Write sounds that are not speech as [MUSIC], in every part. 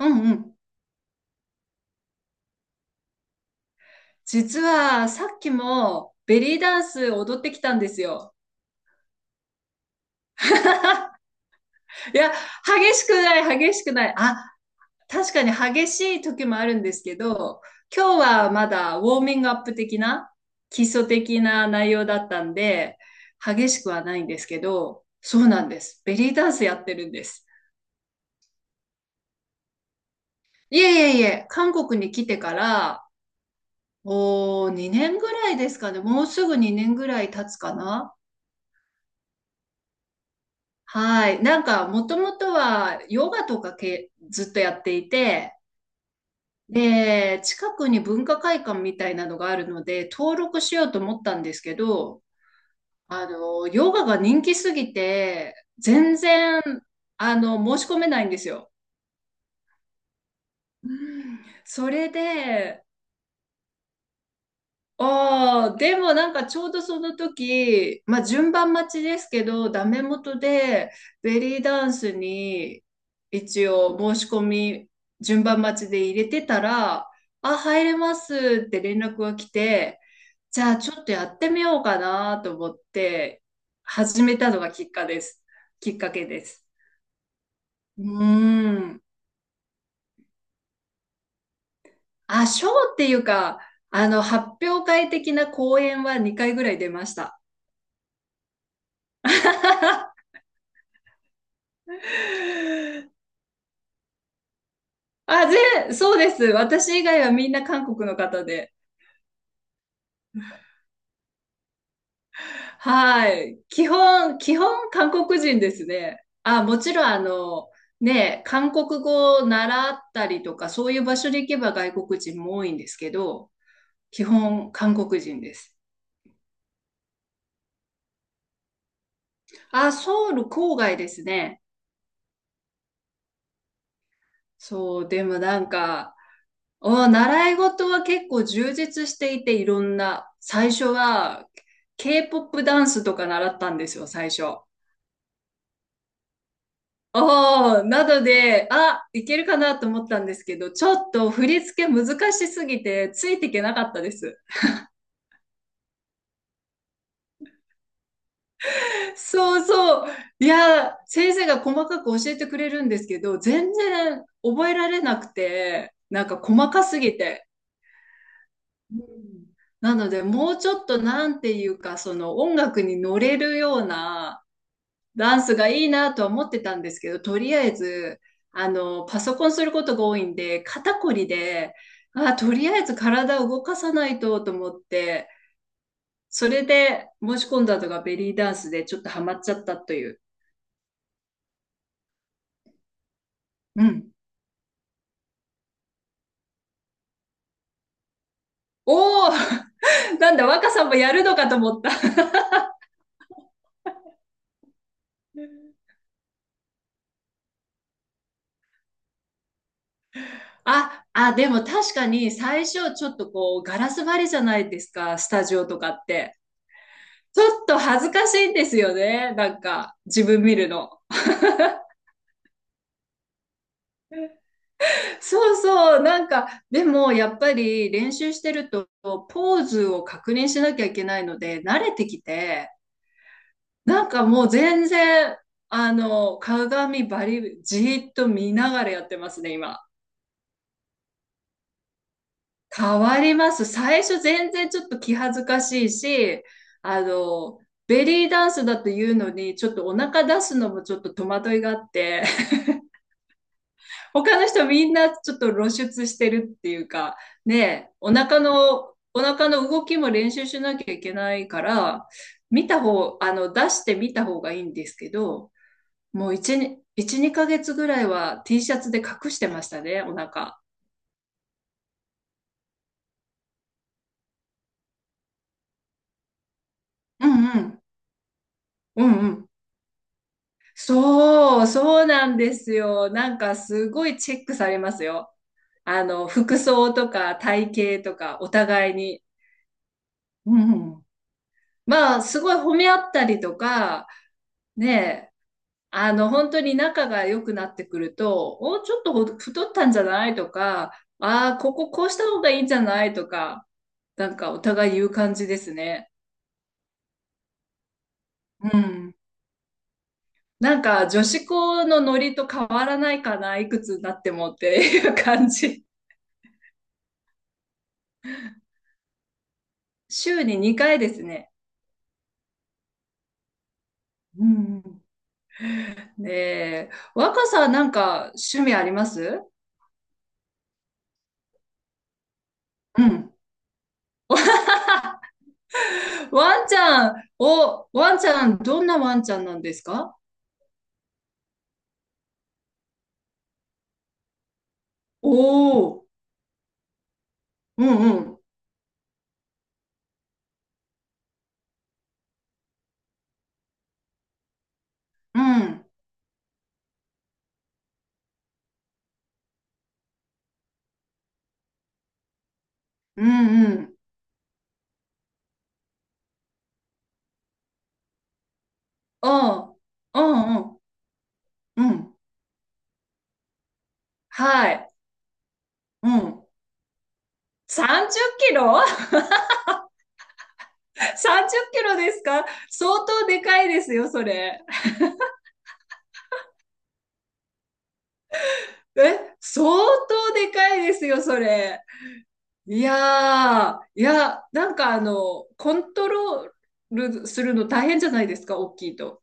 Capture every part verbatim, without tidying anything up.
うんうん。実はさっきもベリーダンス踊ってきたんですよ。[LAUGHS] いや、激しくない、激しくない。あ、確かに激しい時もあるんですけど、今日はまだウォーミングアップ的な、基礎的な内容だったんで、激しくはないんですけど、そうなんです。ベリーダンスやってるんです。いえいえいえ、韓国に来てから、おー、にねんぐらいですかね。もうすぐにねんぐらい経つかな。はい。なんか、もともとはヨガとかけずっとやっていて、で、近くに文化会館みたいなのがあるので、登録しようと思ったんですけど、あの、ヨガが人気すぎて、全然、あの、申し込めないんですよ。うん。それで、ああ、でもなんかちょうどその時、まあ順番待ちですけど、ダメ元でベリーダンスに一応申し込み順番待ちで入れてたら、あ、入れますって連絡が来て、じゃあちょっとやってみようかなと思って始めたのがきっかです。きっかけです。うーん。あ、ショーっていうか、あの、発表会的な講演はにかいぐらい出ました。[LAUGHS] あ、全、そうです。私以外はみんな韓国の方で。はい。基本、基本韓国人ですね。あ、もちろんあの、ね、韓国語を習ったりとか、そういう場所に行けば外国人も多いんですけど、基本韓国人です。あ、ソウル郊外ですね。そう、でもなんか、お、習い事は結構充実していて、いろんな、最初は K-ポップ ダンスとか習ったんですよ、最初。おー、なので、あ、いけるかなと思ったんですけど、ちょっと振り付け難しすぎて、ついていけなかったです。そうそう。いや、先生が細かく教えてくれるんですけど、全然覚えられなくて、なんか細かすぎて。うん。なので、もうちょっとなんていうか、その音楽に乗れるような、ダンスがいいなとは思ってたんですけど、とりあえず、あの、パソコンすることが多いんで、肩こりで、あ、とりあえず体を動かさないとと思って、それで申し込んだのがベリーダンスでちょっとハマっちゃったという。うん。おお [LAUGHS] なんだ、若さんもやるのかと思った。あ、あ、でも確かに最初ちょっとこうガラス張りじゃないですか、スタジオとかって。ちょっと恥ずかしいんですよね、なんか自分見るの。そうそう、なんか、でもやっぱり練習してると、ポーズを確認しなきゃいけないので、慣れてきて、なんかもう全然、あの、鏡バリ、じーっと見ながらやってますね、今。変わります。最初全然ちょっと気恥ずかしいし、あの、ベリーダンスだというのに、ちょっとお腹出すのもちょっと戸惑いがあって、他の人みんなちょっと露出してるっていうか、ねえ、お腹の、お腹の動きも練習しなきゃいけないから、見た方、あの、出してみた方がいいんですけど、もういち、にいち、にかげつぐらいは T シャツで隠してましたね、お腹。うんうん。うんうん。そう、そうなんですよ。なんかすごいチェックされますよ。あの、服装とか体型とかお互いに。うんうん。まあ、すごい褒め合ったりとか、ねえ、あの、本当に仲が良くなってくると、お、ちょっとほ太ったんじゃないとか、ああ、こここうした方がいいんじゃないとか、なんかお互い言う感じですね。うん。なんか女子校のノリと変わらないかな、いくつになってもっていう感じ。[LAUGHS] 週ににかいですね。うんうん。ね、若さん、なんか趣味あります？うん。ワンちゃん、お、ワンちゃん、どんなワンちゃんなんですか？おおー、うんうん。うん、うん、うん、うん、うん、うん、うん、はい、うん。さんじゅっキロ。 [LAUGHS] さんじゅう キロですか？相当でかいですよ、それ。え、相当でかいですよ、それ。いやー、いや、なんかあの、コントロールするの大変じゃないですか、大きいと。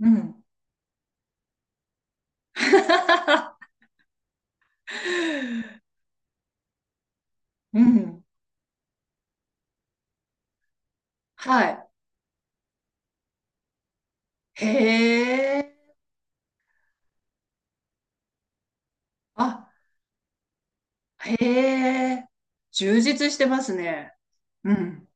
うん。[LAUGHS] うん。はい。へえ。あ、へえ。充実してますね。うん。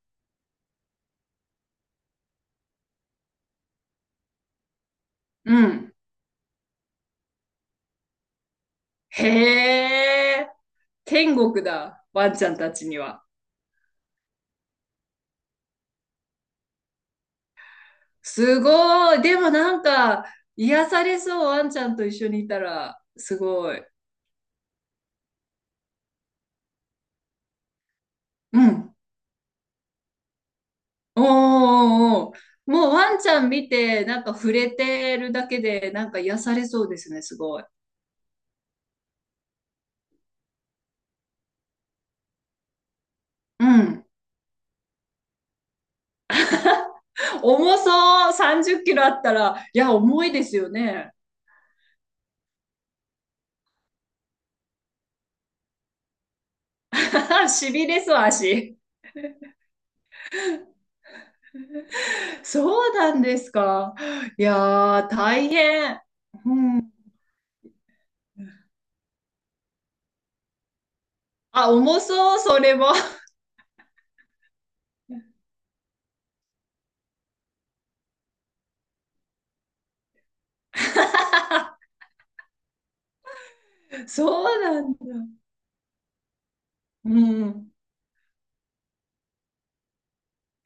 うん。へえ、天国だ、ワンちゃんたちには。すごい。でもなんか、癒されそう、ワンちゃんと一緒にいたら、すごい。うん。おーおーおーもうワンちゃん見て、なんか触れてるだけで、なんか癒されそうですね、すごい。うん。重そう、さんじゅっキロあったら、いや、重いですよね。[LAUGHS] しびれそう、足。そうなんですか。いやー、大変。あ、重そう、それも。[LAUGHS] そうなんだ。うん。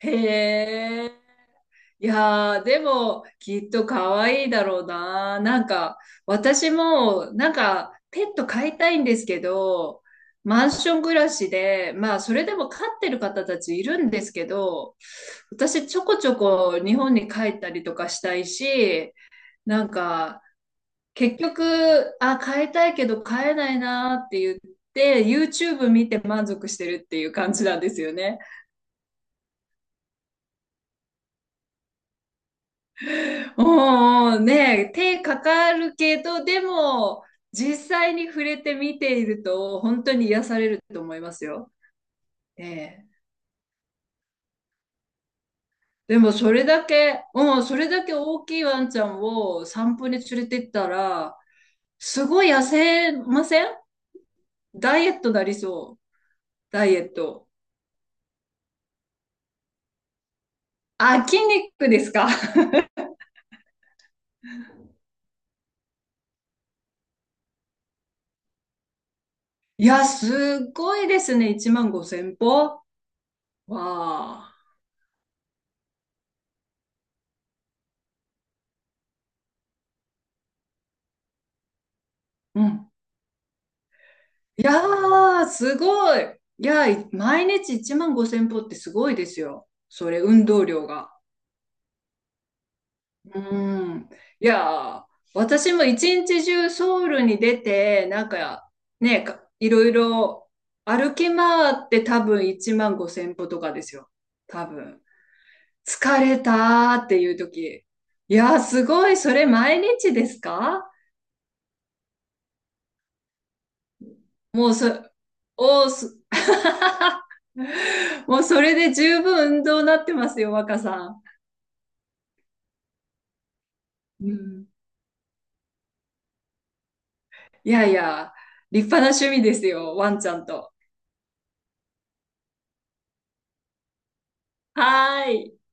へえ。いやー、でも、きっと可愛いだろうな。なんか、私も、なんか、ペット飼いたいんですけど、マンション暮らしで、まあ、それでも飼ってる方たちいるんですけど、私、ちょこちょこ日本に帰ったりとかしたいし、なんか、結局、あ、変えたいけど変えないなって言って、YouTube 見て満足してるっていう感じなんですよね。おうねえ、手かかるけど、でも、実際に触れて見ていると、本当に癒されると思いますよ。ねえ。でも、それだけ、うん、それだけ大きいワンちゃんを散歩に連れてったら、すごい痩せません？ダイエットなりそう。ダイエット。あ、筋肉ですか？いや、すごいですね。いちまんごせん歩わあ。うん。いやー、すごい。いや、い毎日いちまんごせん歩ってすごいですよ。それ、運動量が。うん。いやー、私も一日中ソウルに出て、なんか、ね、かいろいろ歩き回って多分いちまんごせん歩とかですよ。多分。疲れたーっていう時。いやー、すごい。それ、毎日ですか？もうそ、おーす、[LAUGHS] もうそれで十分運動になってますよ、若さん。うん。いやいや、立派な趣味ですよ、ワンちゃんと。はーい。